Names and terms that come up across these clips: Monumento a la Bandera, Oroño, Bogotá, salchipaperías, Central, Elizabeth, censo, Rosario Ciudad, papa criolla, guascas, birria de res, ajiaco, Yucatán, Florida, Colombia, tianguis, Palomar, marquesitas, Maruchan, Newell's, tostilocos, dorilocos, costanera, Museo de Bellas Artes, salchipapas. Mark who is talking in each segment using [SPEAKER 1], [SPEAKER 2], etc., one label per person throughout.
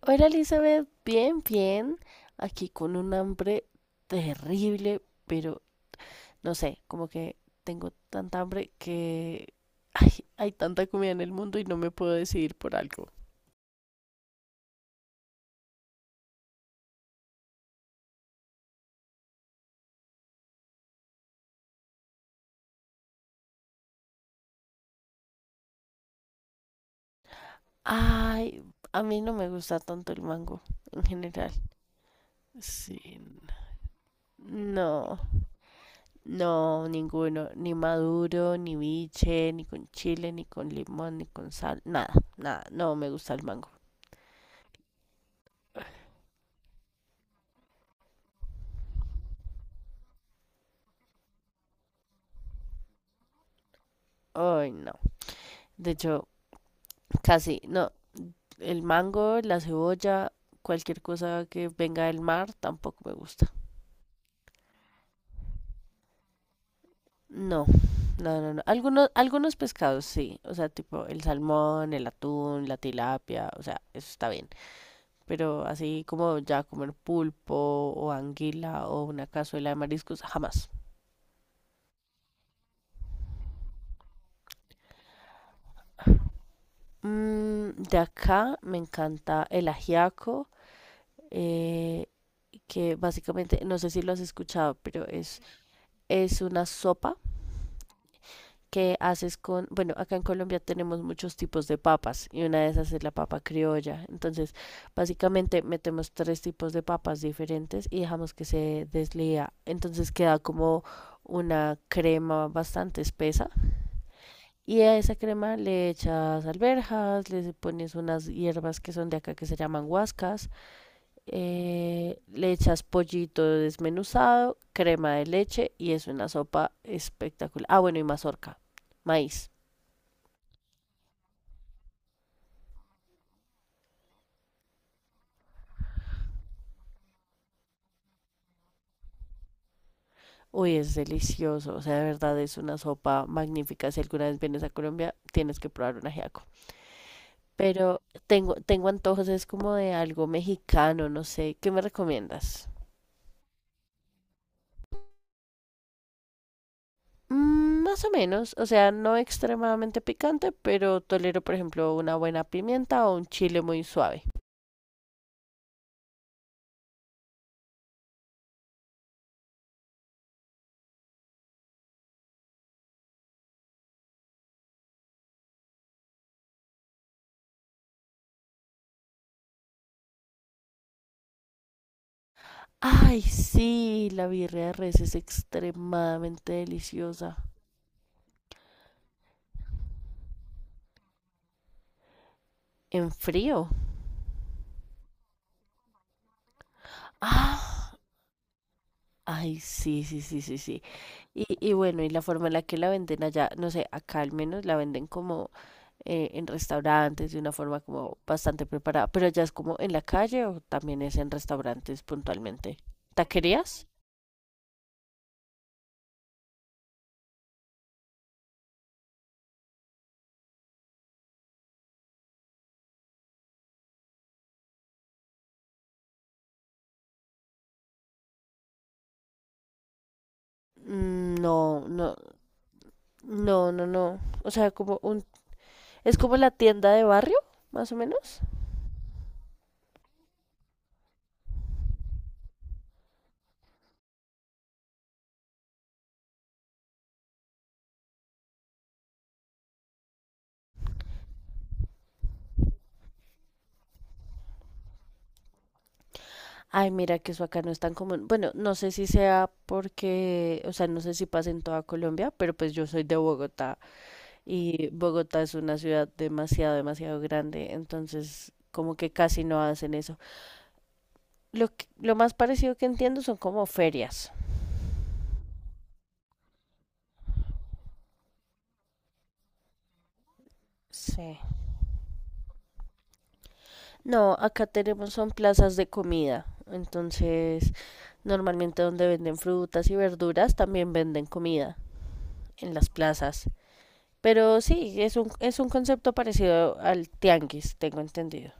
[SPEAKER 1] Hola Elizabeth, bien, bien. Aquí con un hambre terrible, pero no sé, como que tengo tanta hambre que hay tanta comida en el mundo y no me puedo decidir por algo. Ay, a mí no me gusta tanto el mango en general. Sí, no, no, ninguno, ni maduro, ni biche, ni con chile, ni con limón, ni con sal, nada, nada, no me gusta el mango. Ay, no. De hecho, casi, no, el mango, la cebolla, cualquier cosa que venga del mar tampoco me gusta. No, no, no, no. Algunos pescados sí, o sea, tipo el salmón, el atún, la tilapia, o sea, eso está bien. Pero así como ya comer pulpo o anguila o una cazuela de mariscos, jamás. De acá me encanta el ajiaco, eh, que básicamente, no sé si lo has escuchado, pero es una sopa que haces con, bueno, acá en Colombia tenemos muchos tipos de papas y una de esas es la papa criolla. Entonces, básicamente metemos tres tipos de papas diferentes y dejamos que se deslía. Entonces queda como una crema bastante espesa. Y a esa crema le echas alberjas, le pones unas hierbas que son de acá que se llaman guascas, le echas pollito desmenuzado, crema de leche y es una sopa espectacular. Ah, bueno, y mazorca, maíz. Uy, es delicioso, o sea, de verdad es una sopa magnífica. Si alguna vez vienes a Colombia, tienes que probar un ajiaco. Pero tengo antojos, es como de algo mexicano, no sé. ¿Qué me recomiendas? Más o menos, o sea, no extremadamente picante, pero tolero, por ejemplo, una buena pimienta o un chile muy suave. Ay, sí, la birria de res es extremadamente deliciosa. En frío. Ah, ay, sí, sí, sí, sí, sí. Y bueno, y la forma en la que la venden allá, no sé, acá al menos la venden como en restaurantes de una forma como bastante preparada, pero allá es como en la calle o también es en restaurantes puntualmente. ¿Taquerías? Mm, no, no, no, no, no. O sea, es como la tienda de barrio, más o menos. Ay, mira que eso acá no es tan común. Bueno, no sé si sea porque, o sea, no sé si pasa en toda Colombia, pero pues yo soy de Bogotá. Y Bogotá es una ciudad demasiado, demasiado grande, entonces como que casi no hacen eso. Lo más parecido que entiendo son como ferias. Sí. No, acá tenemos son plazas de comida. Entonces, normalmente donde venden frutas y verduras, también venden comida en las plazas. Pero sí, es un concepto parecido al tianguis, tengo entendido.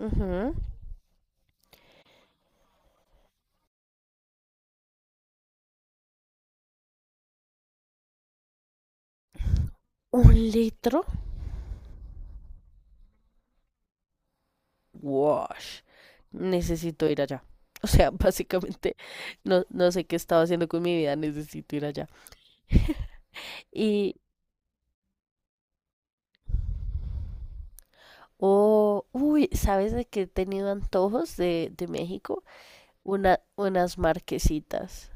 [SPEAKER 1] Ujú. ¿Un litro? Wash. Necesito ir allá. O sea, básicamente no sé qué estaba haciendo con mi vida, necesito ir allá. Y, oh, uy, ¿sabes de qué he tenido antojos de México? Unas marquesitas.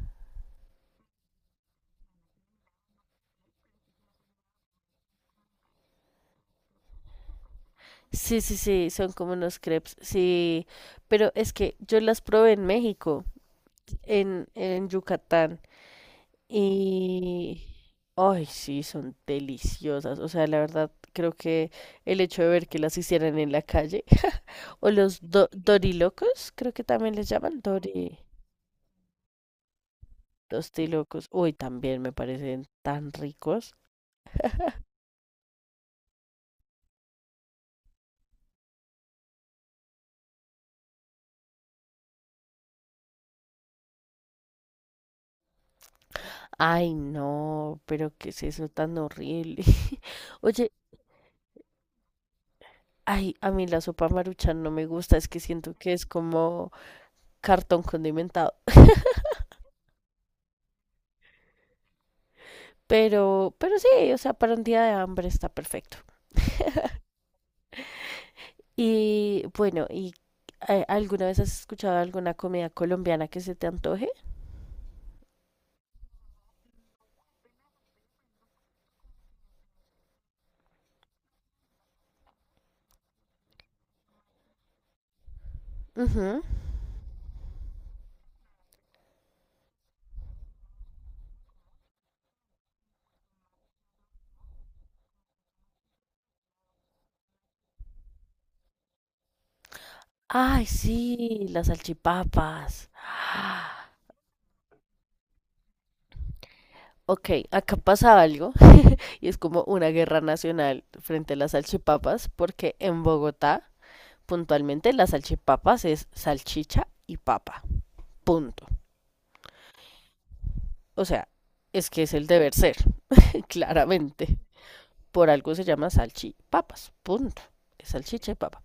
[SPEAKER 1] Sí, sí, sí, son como unos crepes, sí, pero es que yo las probé en México, en Yucatán, y... Ay, sí, son deliciosas. O sea, la verdad, creo que el hecho de ver que las hicieran en la calle o los dorilocos, creo que también les llaman dori, tostilocos. Uy, también me parecen tan ricos. Ay, no, pero qué es eso tan horrible. Oye, ay, a mí la sopa maruchan no me gusta, es que siento que es como cartón condimentado. Pero sí, o sea, para un día de hambre está perfecto. Y bueno, ¿ alguna vez has escuchado alguna comida colombiana que se te antoje? Ujú. Ay, sí, las salchipapas. Ok, acá pasa algo y es como una guerra nacional frente a las salchipapas, porque en Bogotá, puntualmente, las salchipapas es salchicha y papa. Punto. O sea, es que es el deber ser, claramente. Por algo se llama salchipapas. Punto. Es salchicha y papa.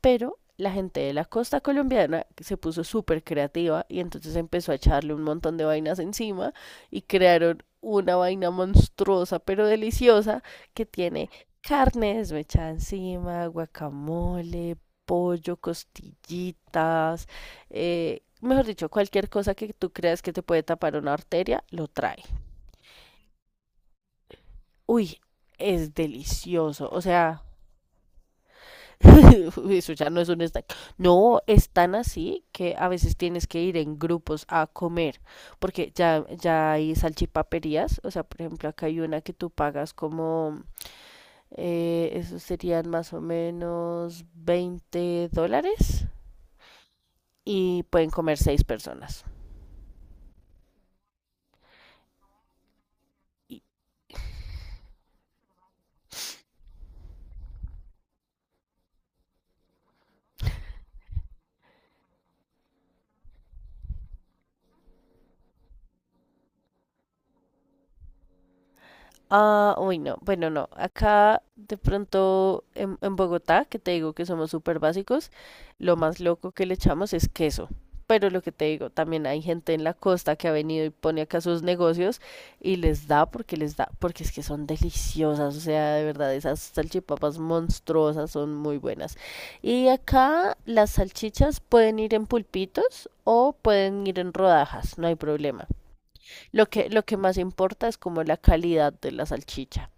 [SPEAKER 1] Pero la gente de la costa colombiana se puso súper creativa y entonces empezó a echarle un montón de vainas encima y crearon una vaina monstruosa pero deliciosa que tiene carne desmechada encima, guacamole, pollo, costillitas, mejor dicho, cualquier cosa que tú creas que te puede tapar una arteria, lo trae. Uy, es delicioso, o sea, Eso ya no es un snack. No, es tan así que a veces tienes que ir en grupos a comer, porque ya hay salchipaperías, o sea, por ejemplo, acá hay una que tú pagas como, esos serían más o menos $20 y pueden comer seis personas. Ah, uy, no. Bueno, no. Acá, de pronto, en, Bogotá, que te digo que somos súper básicos, lo más loco que le echamos es queso. Pero lo que te digo, también hay gente en la costa que ha venido y pone acá sus negocios y les da, porque es que son deliciosas. O sea, de verdad, esas salchipapas monstruosas son muy buenas. Y acá las salchichas pueden ir en pulpitos o pueden ir en rodajas, no hay problema. Lo que más importa es como la calidad de la salchicha.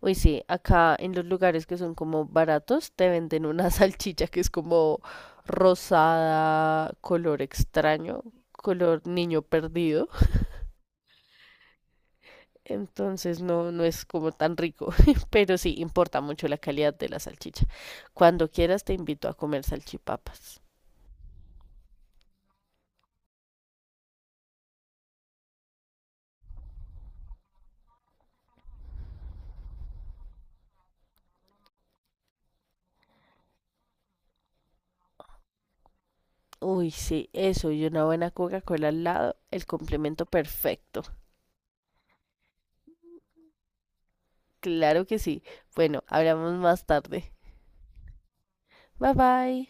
[SPEAKER 1] Uy, sí, acá en los lugares que son como baratos te venden una salchicha que es como rosada, color extraño, color niño perdido. Entonces no es como tan rico, pero sí importa mucho la calidad de la salchicha. Cuando quieras te invito a comer salchipapas. Uy, sí, eso y una buena Coca-Cola al lado, el complemento perfecto. Claro que sí. Bueno, hablamos más tarde. Bye bye.